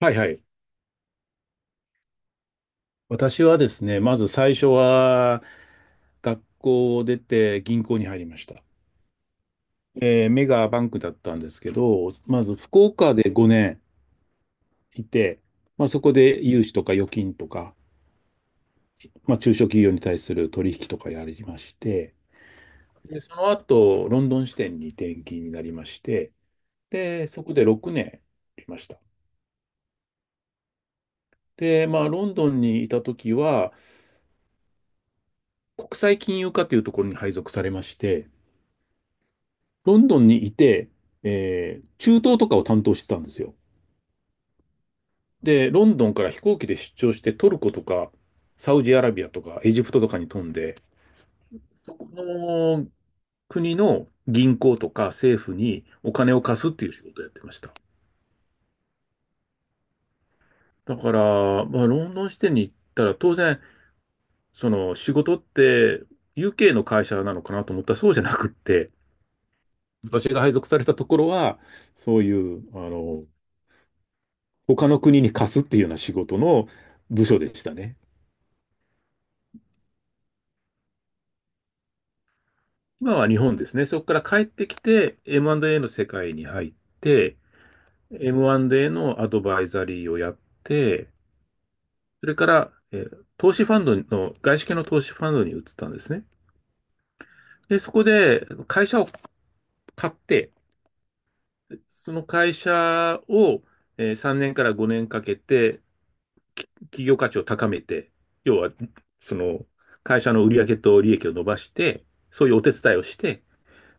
はいはい。私はですね、まず最初は学校を出て銀行に入りました。メガバンクだったんですけど、まず福岡で5年いて、まあ、そこで融資とか預金とか、まあ、中小企業に対する取引とかやりまして、で、その後、ロンドン支店に転勤になりまして、で、そこで6年いました。で、まあ、ロンドンにいた時は、国際金融課というところに配属されまして、ロンドンにいて、中東とかを担当してたんですよ。で、ロンドンから飛行機で出張してトルコとかサウジアラビアとかエジプトとかに飛んで、そこの国の銀行とか政府にお金を貸すっていう仕事をやってました。だから、まあ、ロンドン支店に行ったら当然、その仕事って UK の会社なのかなと思ったらそうじゃなくって、私が配属されたところは、そういう、他の国に貸すっていうような仕事の部署でしたね。今は日本ですね。そこから帰ってきて M&A の世界に入って、M&A のアドバイザリーをやって、それから、投資ファンドの、外資系の投資ファンドに移ったんですね。で、そこで会社を買って、その会社を3年から5年かけて、企業価値を高めて、要は、その会社の売上と利益を伸ばして、そういうお手伝いをして、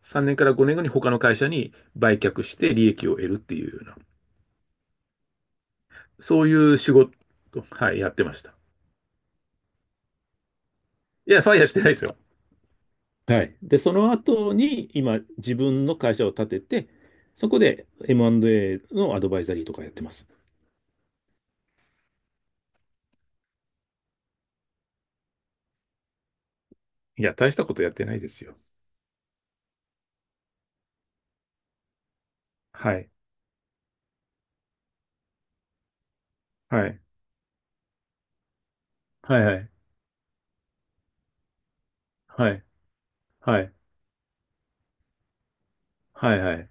3年から5年後に他の会社に売却して利益を得るっていうような、そういう仕事、はい、やってました。いや、ファイヤーしてないですよ。はい。で、その後に今、自分の会社を立てて、そこで M&A のアドバイザリーとかやってます。いや、大したことやってないですよ。はい。はい。はいはい。はい。はい。はいはい。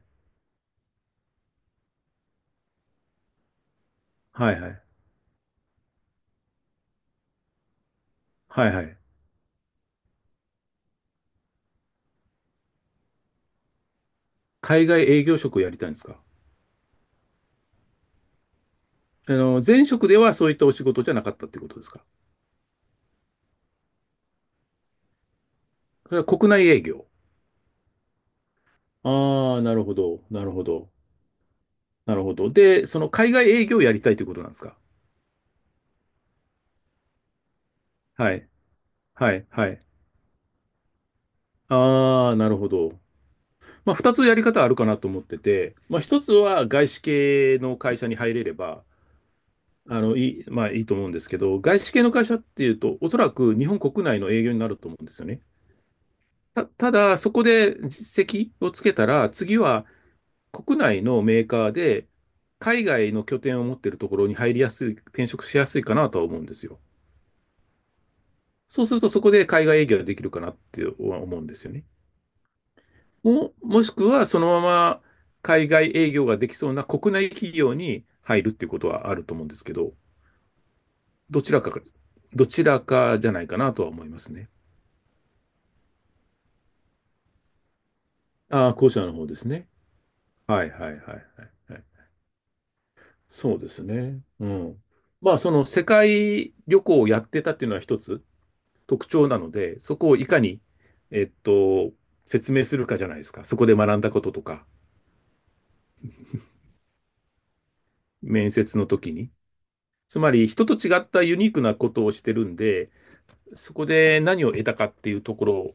はいはい。はいはい。海外営業職をやりたいんですか？あの、前職ではそういったお仕事じゃなかったってことですか？それは国内営業。ああ、なるほど。なるほど。なるほど。で、その海外営業をやりたいということなんですか？はい。はい。はい。ああ、なるほど。まあ、二つやり方あるかなと思ってて、まあ、一つは外資系の会社に入れれば、あの、いい、まあ、いいと思うんですけど、外資系の会社っていうと、おそらく日本国内の営業になると思うんですよね。ただ、そこで実績をつけたら、次は国内のメーカーで、海外の拠点を持っているところに入りやすい、転職しやすいかなとは思うんですよ。そうするとそこで海外営業ができるかなって思うんですよね。もしくはそのまま海外営業ができそうな国内企業に入るっていうことはあると思うんですけど、どちらか、どちらかじゃないかなとは思いますね。ああ、後者の方ですね。はいはいはいはいはい。そうですね。うん。まあその世界旅行をやってたっていうのは一つ特徴なので、そこをいかに、えっと、説明するかじゃないですか。そこで学んだこととか、面接の時に。つまり人と違ったユニークなことをしてるんで、そこで何を得たかっていうところを、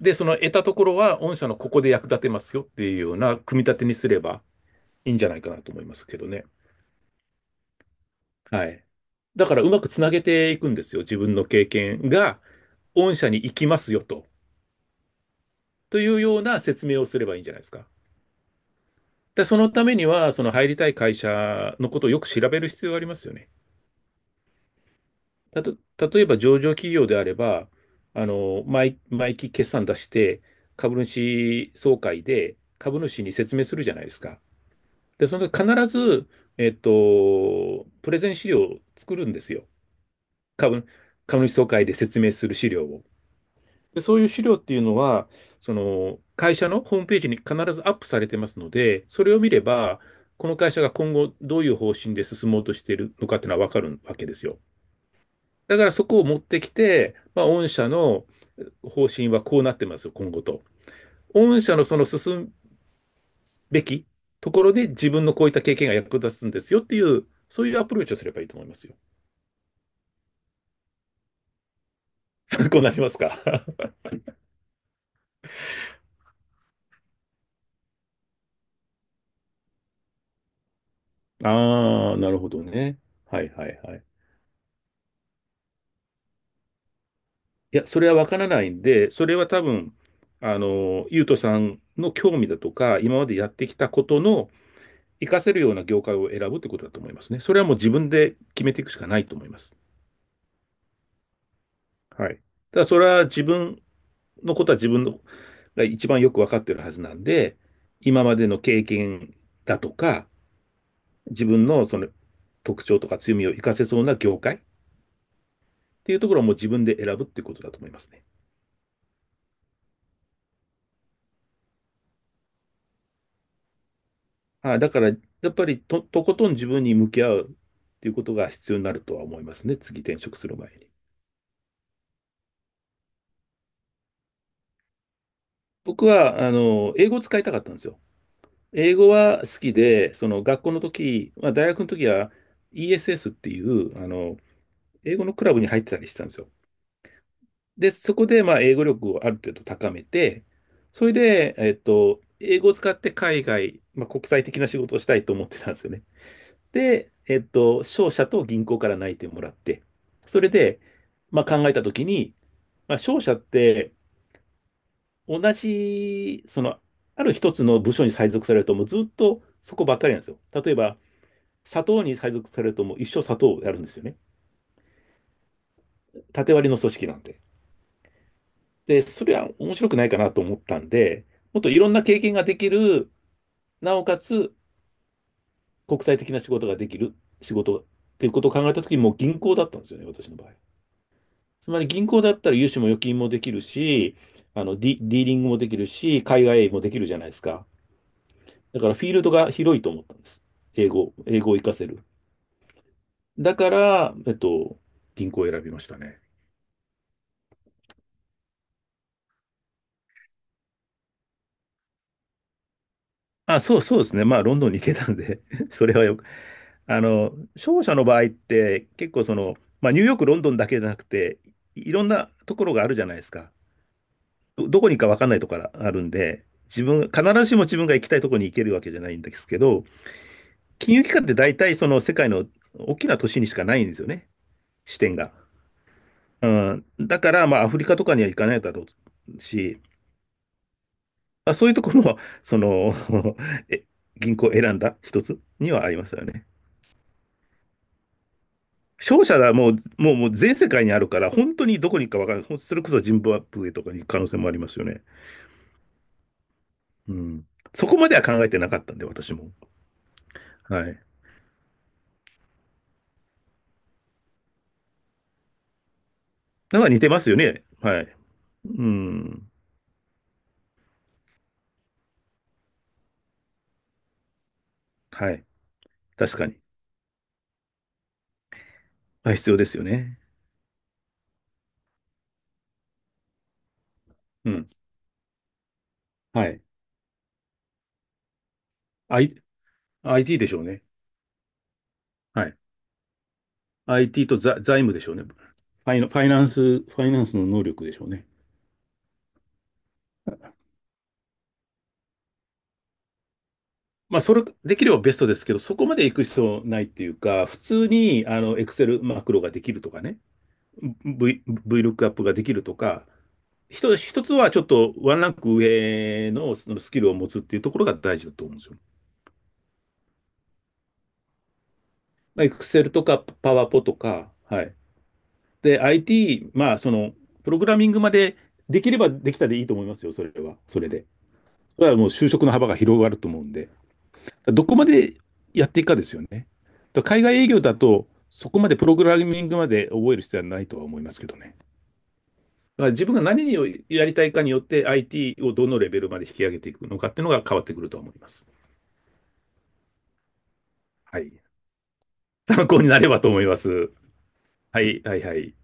で、その得たところは御社のここで役立てますよっていうような組み立てにすればいいんじゃないかなと思いますけどね。はい。だからうまくつなげていくんですよ。自分の経験が御社に行きますよと。というような説明をすればいいんじゃないですか。で、そのためには、その入りたい会社のことをよく調べる必要がありますよね。たと、例えば上場企業であれば、毎期決算出して、株主総会で株主に説明するじゃないですか。で、その必ず、プレゼン資料を作るんですよ。株、株主総会で説明する資料を。で、そういう資料っていうのは、その、会社のホームページに必ずアップされてますので、それを見れば、この会社が今後どういう方針で進もうとしているのかっていうのはわかるわけですよ。だからそこを持ってきて、まあ、御社の方針はこうなってますよ、今後と。御社のその進むべきところで自分のこういった経験が役立つんですよっていう、そういうアプローチをすればいいと思いますよ。参考になりますか？ ああ、なるほどね。はいはいはい。いや、それはわからないんで、それは多分、ゆうとさんの興味だとか、今までやってきたことの活かせるような業界を選ぶってことだと思いますね。それはもう自分で決めていくしかないと思います。はい。ただ、それは自分のことは自分のが一番よくわかってるはずなんで、今までの経験だとか、自分のその特徴とか強みを活かせそうな業界っていうところをもう自分で選ぶっていうことだと思いますね。だから、やっぱりとことん自分に向き合うっていうことが必要になるとは思いますね。次転職する前に。僕は、英語を使いたかったんですよ。英語は好きで、その学校の時、まあ、大学の時は ESS っていう、英語のクラブに入ってたりしてたんですよ。で、そこで、まあ、英語力をある程度高めて、それで、英語を使って海外、まあ、国際的な仕事をしたいと思ってたんですよね。で、商社と銀行から内定もらって、それで、まあ、考えたときに、まあ、商社って、同じ、その、ある一つの部署に配属されると、もうずっとそこばっかりなんですよ。例えば、砂糖に配属されると、もう一生砂糖をやるんですよね。縦割りの組織なんで。で、それは面白くないかなと思ったんで、もっといろんな経験ができる、なおかつ国際的な仕事ができる仕事っていうことを考えたときに、もう銀行だったんですよね、私の場合。つまり銀行だったら融資も預金もできるし、ディーリングもできるし、海外営業もできるじゃないですか。だからフィールドが広いと思ったんです。英語を活かせる。だから、銀行を選びましたね。あ、そうですね。まあ、ロンドンに行けたんで それはよ、商社の場合って結構まあ、ニューヨーク、ロンドンだけじゃなくて、いろんなところがあるじゃないですか。どこに行くか分かんないところがあるんで、自分、必ずしも自分が行きたいところに行けるわけじゃないんですけど、金融機関って大体その世界の大きな都市にしかないんですよね、支店が。うん、だから、まあ、アフリカとかには行かないだろうし、まあ、そういうところも、え、銀行を選んだ一つにはありますよね。勝者はもう全世界にあるから、本当にどこに行くかわからない。それこそジンバブエとかに行く可能性もありますよね。うん。そこまでは考えてなかったんで、私も。はい。だから似てますよね。はい。うん。はい。確かに。あ、必要ですよね。うん。はい。I、IT でしょうね。はい。IT と財務でしょうね。ファイナンスの能力でしょうね。まあ、それ、できればベストですけど、そこまで行く必要ないっていうか、普通に、Excel マクロができるとかね。V、VLOOKUP ができるとか、一つはちょっとワンランク上のそのスキルを持つっていうところが大事だと思うんですよ。Excel とか PowerPo とか、はい。で、IT、まあ、その、プログラミングまでできればできたでいいと思いますよ、それは。それで。それはもう就職の幅が広がると思うんで。どこまでやっていくかですよね。海外営業だと、そこまでプログラミングまで覚える必要はないとは思いますけどね。まあ、自分が何をやりたいかによって IT をどのレベルまで引き上げていくのかっていうのが変わってくると思います。はい。参考になればと思います。はい、はい、はい。